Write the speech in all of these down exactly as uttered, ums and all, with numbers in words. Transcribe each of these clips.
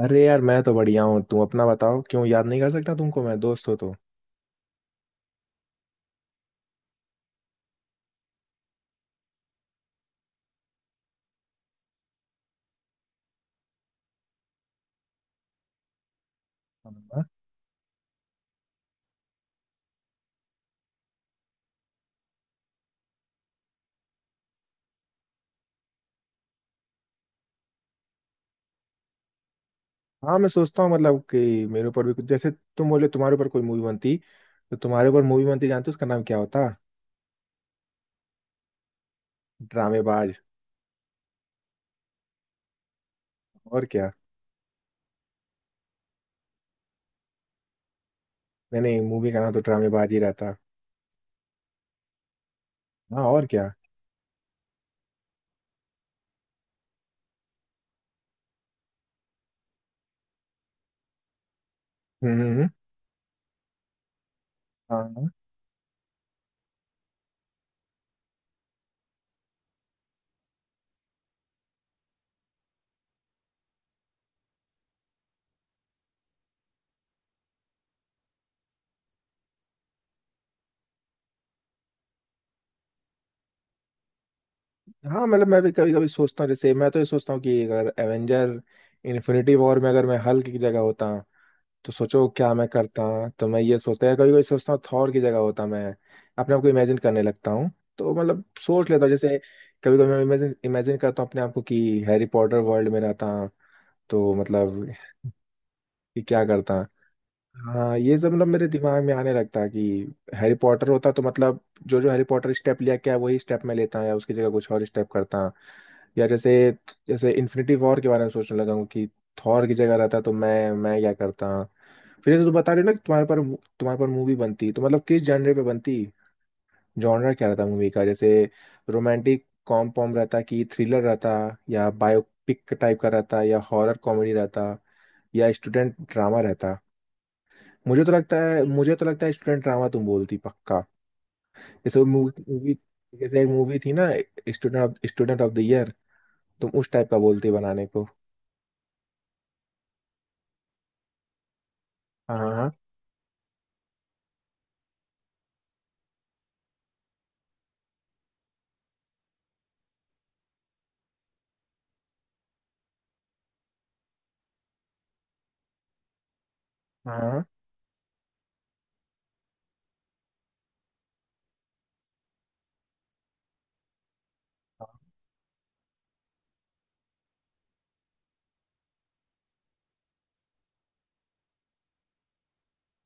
अरे यार, मैं तो बढ़िया हूँ। तुम अपना बताओ। क्यों, याद नहीं कर सकता तुमको मैं? दोस्त हो तो। हाँ हाँ, मैं सोचता हूँ मतलब कि मेरे ऊपर भी कुछ, जैसे तुम बोले तुम्हारे ऊपर कोई मूवी बनती, तो तुम्हारे ऊपर मूवी बनती, जानते हो उसका नाम क्या होता? ड्रामेबाज। और क्या। नहीं नहीं, मूवी का नाम तो ड्रामेबाज ही रहता। हाँ और क्या। हम्म हम्म, हम्म। हाँ हाँ, मतलब मैं भी कभी कभी सोचता हूँ। जैसे मैं तो ये सोचता हूँ कि अगर एवेंजर इन्फिनिटी वॉर में अगर मैं हल्क की जगह होता तो सोचो क्या मैं करता। तो मैं ये सोचता है, कभी कभी सोचता हूँ थॉर की जगह होता मैं, अपने आप को इमेजिन करने लगता हूँ। तो मतलब सोच लेता हूँ। जैसे कभी कभी मैं इमेजिन इमेजिन करता हूँ अपने आप को कि हैरी पॉटर वर्ल्ड में रहता, तो मतलब कि क्या करता। हाँ, ये सब मतलब मेरे दिमाग में आने लगता है कि हैरी पॉटर होता तो मतलब जो जो हैरी पॉटर स्टेप लिया क्या वही स्टेप मैं लेता या उसकी जगह कुछ और स्टेप करता। या जैसे जैसे इन्फिनिटी वॉर के बारे में सोचने लगा हूँ कि थॉर की जगह रहता तो मैं मैं क्या करता। फिर जैसे तुम बता रहे हो ना कि तुम्हारे पर, तुम्हारे पर मूवी बनती तो मतलब किस जॉनर पे बनती? जॉनर क्या रहता मूवी का? जैसे रोमांटिक कॉम पॉम रहता कि थ्रिलर रहता, या बायोपिक टाइप का रहता या हॉरर कॉमेडी रहता या स्टूडेंट ड्रामा रहता। मुझे तो लगता है मुझे तो लगता है स्टूडेंट ड्रामा तुम बोलती पक्का। जैसे वो मूवी, जैसे एक मूवी थी ना, student of student of the year. तुम उस टाइप का बोलती बनाने को। हाँ हाँ हाँ हाँ।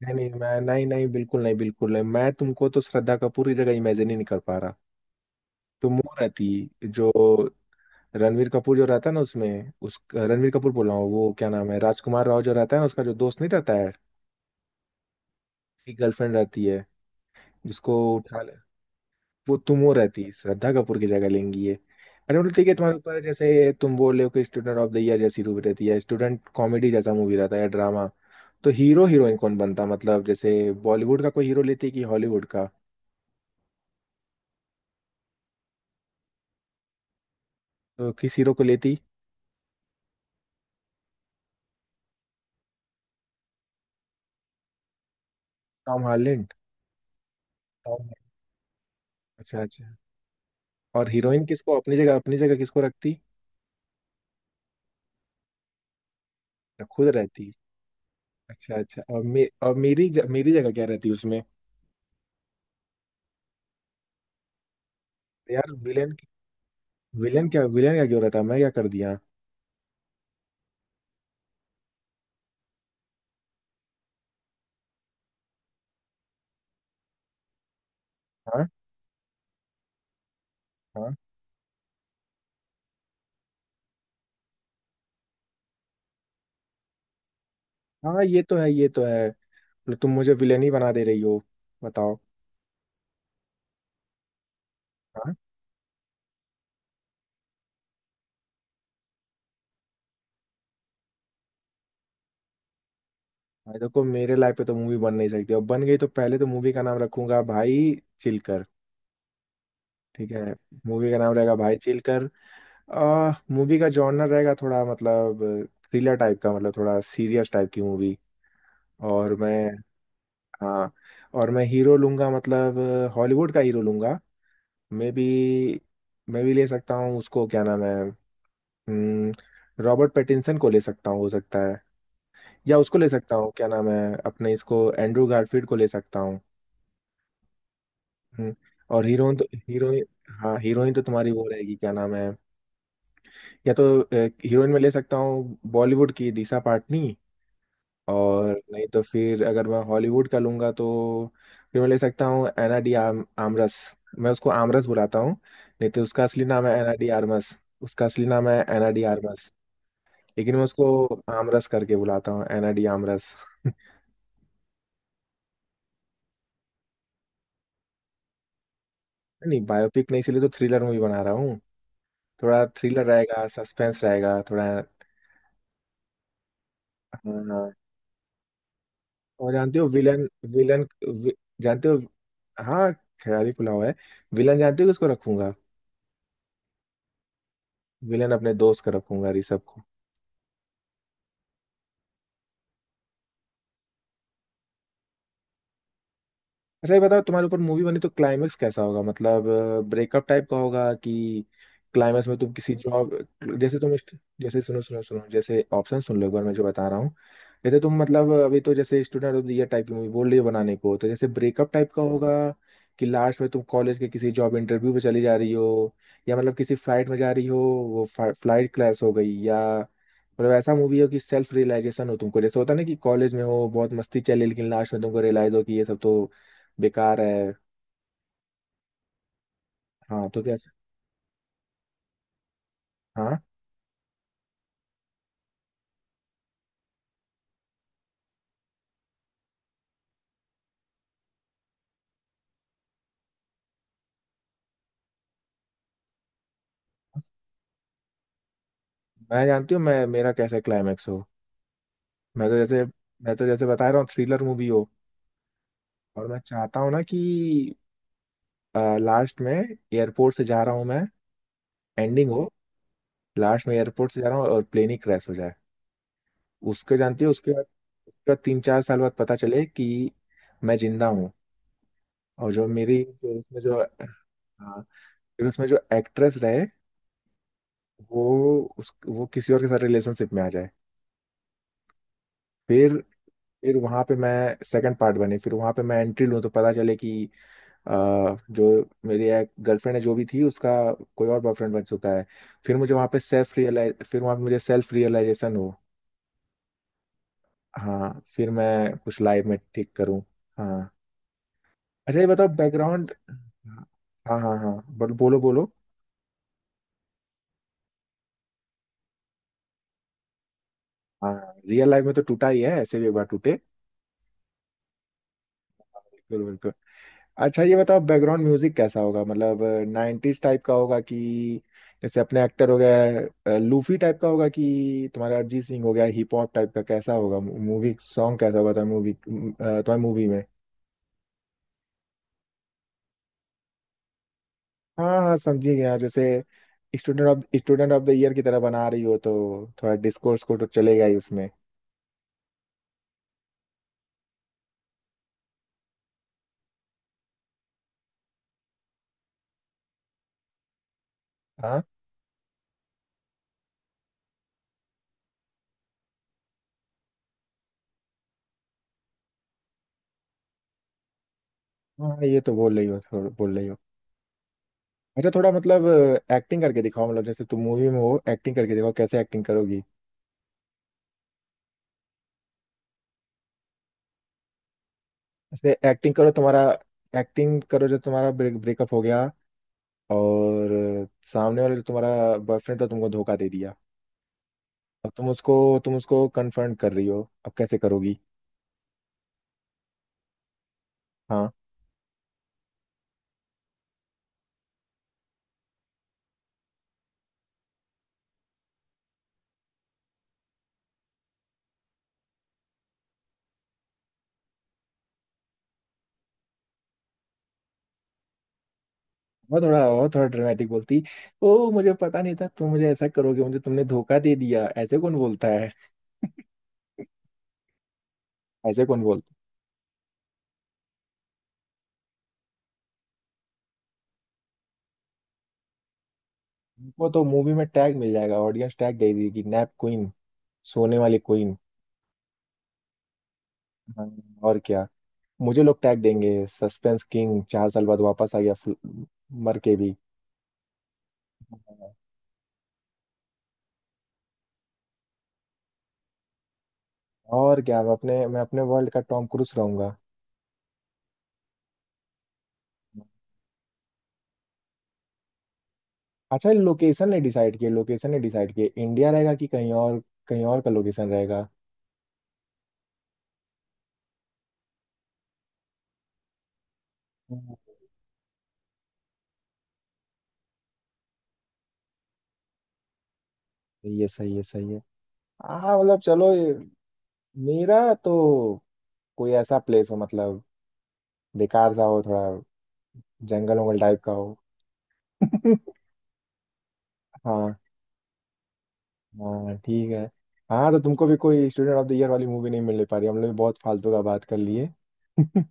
नहीं नहीं, मैं नहीं नहीं, बिल्कुल नहीं, बिल्कुल नहीं, मैं तुमको तो श्रद्धा कपूर की जगह इमेजिन ही नहीं कर पा रहा। तुम वो रहती, जो रणवीर कपूर जो रहता है ना उसमें, उस रणवीर कपूर बोल रहा हूँ, वो क्या नाम है, राजकुमार राव जो रहता है ना, उसका जो दोस्त नहीं रहता है उसकी गर्लफ्रेंड रहती है, जिसको उठा ले। वो तुम वो रहती श्रद्धा कपूर की जगह लेंगी ये। अरे मतलब ठीक है तुम्हारे ऊपर है, जैसे तुम बोल रहे हो कि स्टूडेंट ऑफ द ईयर जैसी मूवी रहती है, स्टूडेंट कॉमेडी जैसा मूवी रहता है या ड्रामा, तो हीरो हीरोइन कौन बनता? मतलब जैसे बॉलीवुड का कोई हीरो लेती कि हॉलीवुड का? तो किस हीरो को लेती? टॉम हार्लेंड। टॉम। अच्छा अच्छा। और हीरोइन किसको, अपनी जगह अपनी जगह किसको रखती? खुद रहती। अच्छा अच्छा। और, मे, और मेरी ज, मेरी जगह क्या रहती उसमें? यार विलेन। विलेन क्या विलेन क्या क्यों रहता? मैं क्या कर दिया? हाँ हाँ हाँ, ये तो है ये तो है। मतलब तुम मुझे विलेन ही बना दे रही हो। बताओ। हाँ। भाई देखो, मेरे लाइफ पे तो मूवी बन नहीं सकती, अब बन गई तो पहले तो मूवी का नाम रखूंगा, भाई चिलकर। ठीक है। मूवी का नाम रहेगा भाई चिलकर। आ मूवी का जॉनर रहेगा, थोड़ा मतलब थ्रिलर टाइप का, मतलब थोड़ा सीरियस टाइप की मूवी। और मैं हाँ, और मैं हीरो लूंगा मतलब, हॉलीवुड का हीरो लूंगा। मे बी मैं भी ले सकता हूँ उसको क्या नाम है, रॉबर्ट पैटिंसन को ले सकता हूँ, हो सकता है। या उसको ले सकता हूँ क्या नाम है, अपने इसको एंड्रू गारफील्ड को ले सकता हूँ। हम्म, और हीरोइन, तो हीरोइन। हाँ, हीरोइन तो तुम्हारी वो रहेगी क्या नाम है। या तो अ, हीरोइन में ले सकता हूँ बॉलीवुड की दिशा पाटनी। और नहीं तो फिर अगर मैं हॉलीवुड का लूंगा तो फिर मैं ले सकता हूँ एना डी आम, आमरस। मैं उसको आमरस बुलाता हूँ। नहीं तो उसका असली नाम है एना डी आरमस। उसका असली नाम है एना डी आरमस। लेकिन मैं उसको आमरस करके बुलाता हूँ, एना डी आमरस। नहीं बायोपिक नहीं, इसलिए तो थ्रिलर मूवी बना रहा हूँ। थोड़ा थ्रिलर रहेगा, सस्पेंस रहेगा थोड़ा। हाँ। और जानते हो विलन, विलन वि, जानते हो। हाँ। खिलाड़ी पुलाव है। विलन जानते हो किसको रखूंगा? विलन अपने दोस्त का रखूंगा, ऋषभ को। अच्छा ये बताओ तुम्हारे ऊपर मूवी बनी तो क्लाइमेक्स कैसा होगा मतलब? ब्रेकअप टाइप का होगा कि क्लाइमेक्स में तुम किसी जॉब, जैसे तुम जैसे सुनो सुनो सुनो, जैसे ऑप्शन सुन लो एक बार मैं जो बता रहा हूँ। जैसे तुम मतलब अभी तो जैसे student of the year type की मूवी बोल रही हो बनाने को, तो जैसे ब्रेकअप टाइप का होगा कि लास्ट में तुम कॉलेज के किसी जॉब इंटरव्यू पे चली जा रही हो, या मतलब किसी फ्लाइट में जा रही हो, वो फ्लाइट क्लैश हो गई, या मतलब ऐसा मूवी हो कि सेल्फ रियलाइजेशन हो तुमको, जैसे होता है ना कि कॉलेज में हो बहुत मस्ती चली लेकिन लास्ट में तुमको रियलाइज हो कि ये सब तो बेकार है। हाँ तो कैसे। हाँ, मैं जानती हूँ मैं मेरा कैसा क्लाइमेक्स हो। मैं तो जैसे मैं तो जैसे बता रहा हूँ, थ्रिलर मूवी हो, और मैं चाहता हूँ ना कि लास्ट में एयरपोर्ट से जा रहा हूँ मैं, एंडिंग हो। लास्ट में एयरपोर्ट से जा रहा हूँ और प्लेन ही क्रैश हो जाए। उसको जानती है उसके बाद? उसके बाद तीन चार साल बाद पता चले कि मैं जिंदा हूँ। और जो मेरी जो उसमें जो, हाँ, फिर उसमें जो एक्ट्रेस रहे वो, उस वो किसी और के साथ रिलेशनशिप में आ जाए। फिर फिर वहां पे मैं सेकंड पार्ट बने, फिर वहां पे मैं एंट्री लूँ तो पता चले कि अ, जो मेरी एक गर्लफ्रेंड है जो भी थी उसका कोई और बॉयफ्रेंड बन चुका है। फिर मुझे वहाँ पे सेल्फ रियलाइज फिर वहाँ पे मुझे सेल्फ रियलाइजेशन हो। हाँ, फिर मैं कुछ लाइफ में ठीक करूँ। हाँ। अच्छा ये बताओ बैकग्राउंड। हाँ हाँ हाँ, बोलो बोलो बोलो। हाँ रियल लाइफ में तो टूटा ही है, ऐसे भी एक बार टूटे। बिल्कुल बिल्कुल। अच्छा ये बताओ बैकग्राउंड म्यूजिक कैसा होगा मतलब? नाइन्टीज टाइप का होगा, कि जैसे अपने एक्टर हो गया लूफी टाइप का होगा, कि तुम्हारा अरिजीत सिंह हो गया हिप हॉप टाइप का, कैसा होगा? मूवी सॉन्ग कैसा होगा तुम्हारी मूवी, तुम्हारी मूवी में हाँ हाँ, समझी गया। जैसे student of student of the year की तरह बना रही हो तो थोड़ा डिस्कोर्स को तो चलेगा ही उसमें। हाँ हाँ, ये तो बोल रही हो, थोड़ा बोल रही हो। अच्छा थोड़ा मतलब एक्टिंग करके दिखाओ। मतलब जैसे तुम मूवी में हो, एक्टिंग करके दिखाओ कैसे एक्टिंग करोगी। ऐसे एक्टिंग करो, तुम्हारा एक्टिंग करो जो तुम्हारा ब्रेक ब्रेकअप हो गया और सामने वाले जो तुम्हारा बॉयफ्रेंड था तुमको धोखा दे दिया। अब तुम उसको तुम उसको कन्फ्रंट कर रही हो। अब कैसे करोगी? हाँ, और थोड़ा और थोड़ा ड्रामेटिक बोलती। ओ मुझे पता नहीं था तुम मुझे ऐसा करोगे, मुझे तुमने धोखा दे दिया, ऐसे कौन बोलता है? ऐसे कौन बोलता है? उनको तो मूवी में टैग मिल जाएगा, ऑडियंस टैग दे देगी, नैप क्वीन, सोने वाली क्वीन। हाँ, और क्या। मुझे लोग टैग देंगे, सस्पेंस किंग, चार साल बाद वापस आ गया, फुल- मर के भी। और क्या, मैं अपने मैं अपने वर्ल्ड का टॉम क्रूज रहूंगा। अच्छा, लोकेशन ने डिसाइड किया लोकेशन ने डिसाइड किया, इंडिया रहेगा कि कहीं और, कहीं और का लोकेशन रहेगा? ये सही है सही है। हाँ मतलब चलो ये- मेरा तो कोई ऐसा प्लेस हो मतलब बेकार सा हो थोड़ा, जंगल वंगल टाइप का हो। हाँ हाँ ठीक है। हाँ, तो तुमको भी कोई स्टूडेंट ऑफ द ईयर वाली मूवी नहीं मिल पा रही, हम लोग भी बहुत फालतू का बात कर लिए।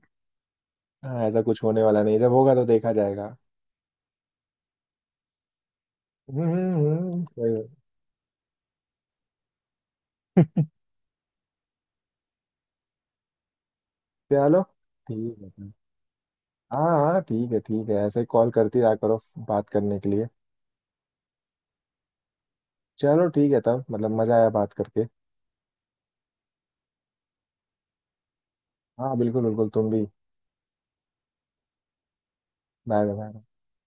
हाँ, ऐसा कुछ होने वाला नहीं, जब होगा तो देखा जाएगा। हम्म हम्म, हम्म, सही है। चलो ठीक है फिर। हाँ हाँ ठीक है ठीक है, ऐसे कॉल करती रहा करो बात करने के लिए। चलो ठीक है, तब मतलब मजा आया बात करके। हाँ बिल्कुल बिल्कुल, तुम भी। Bye bye.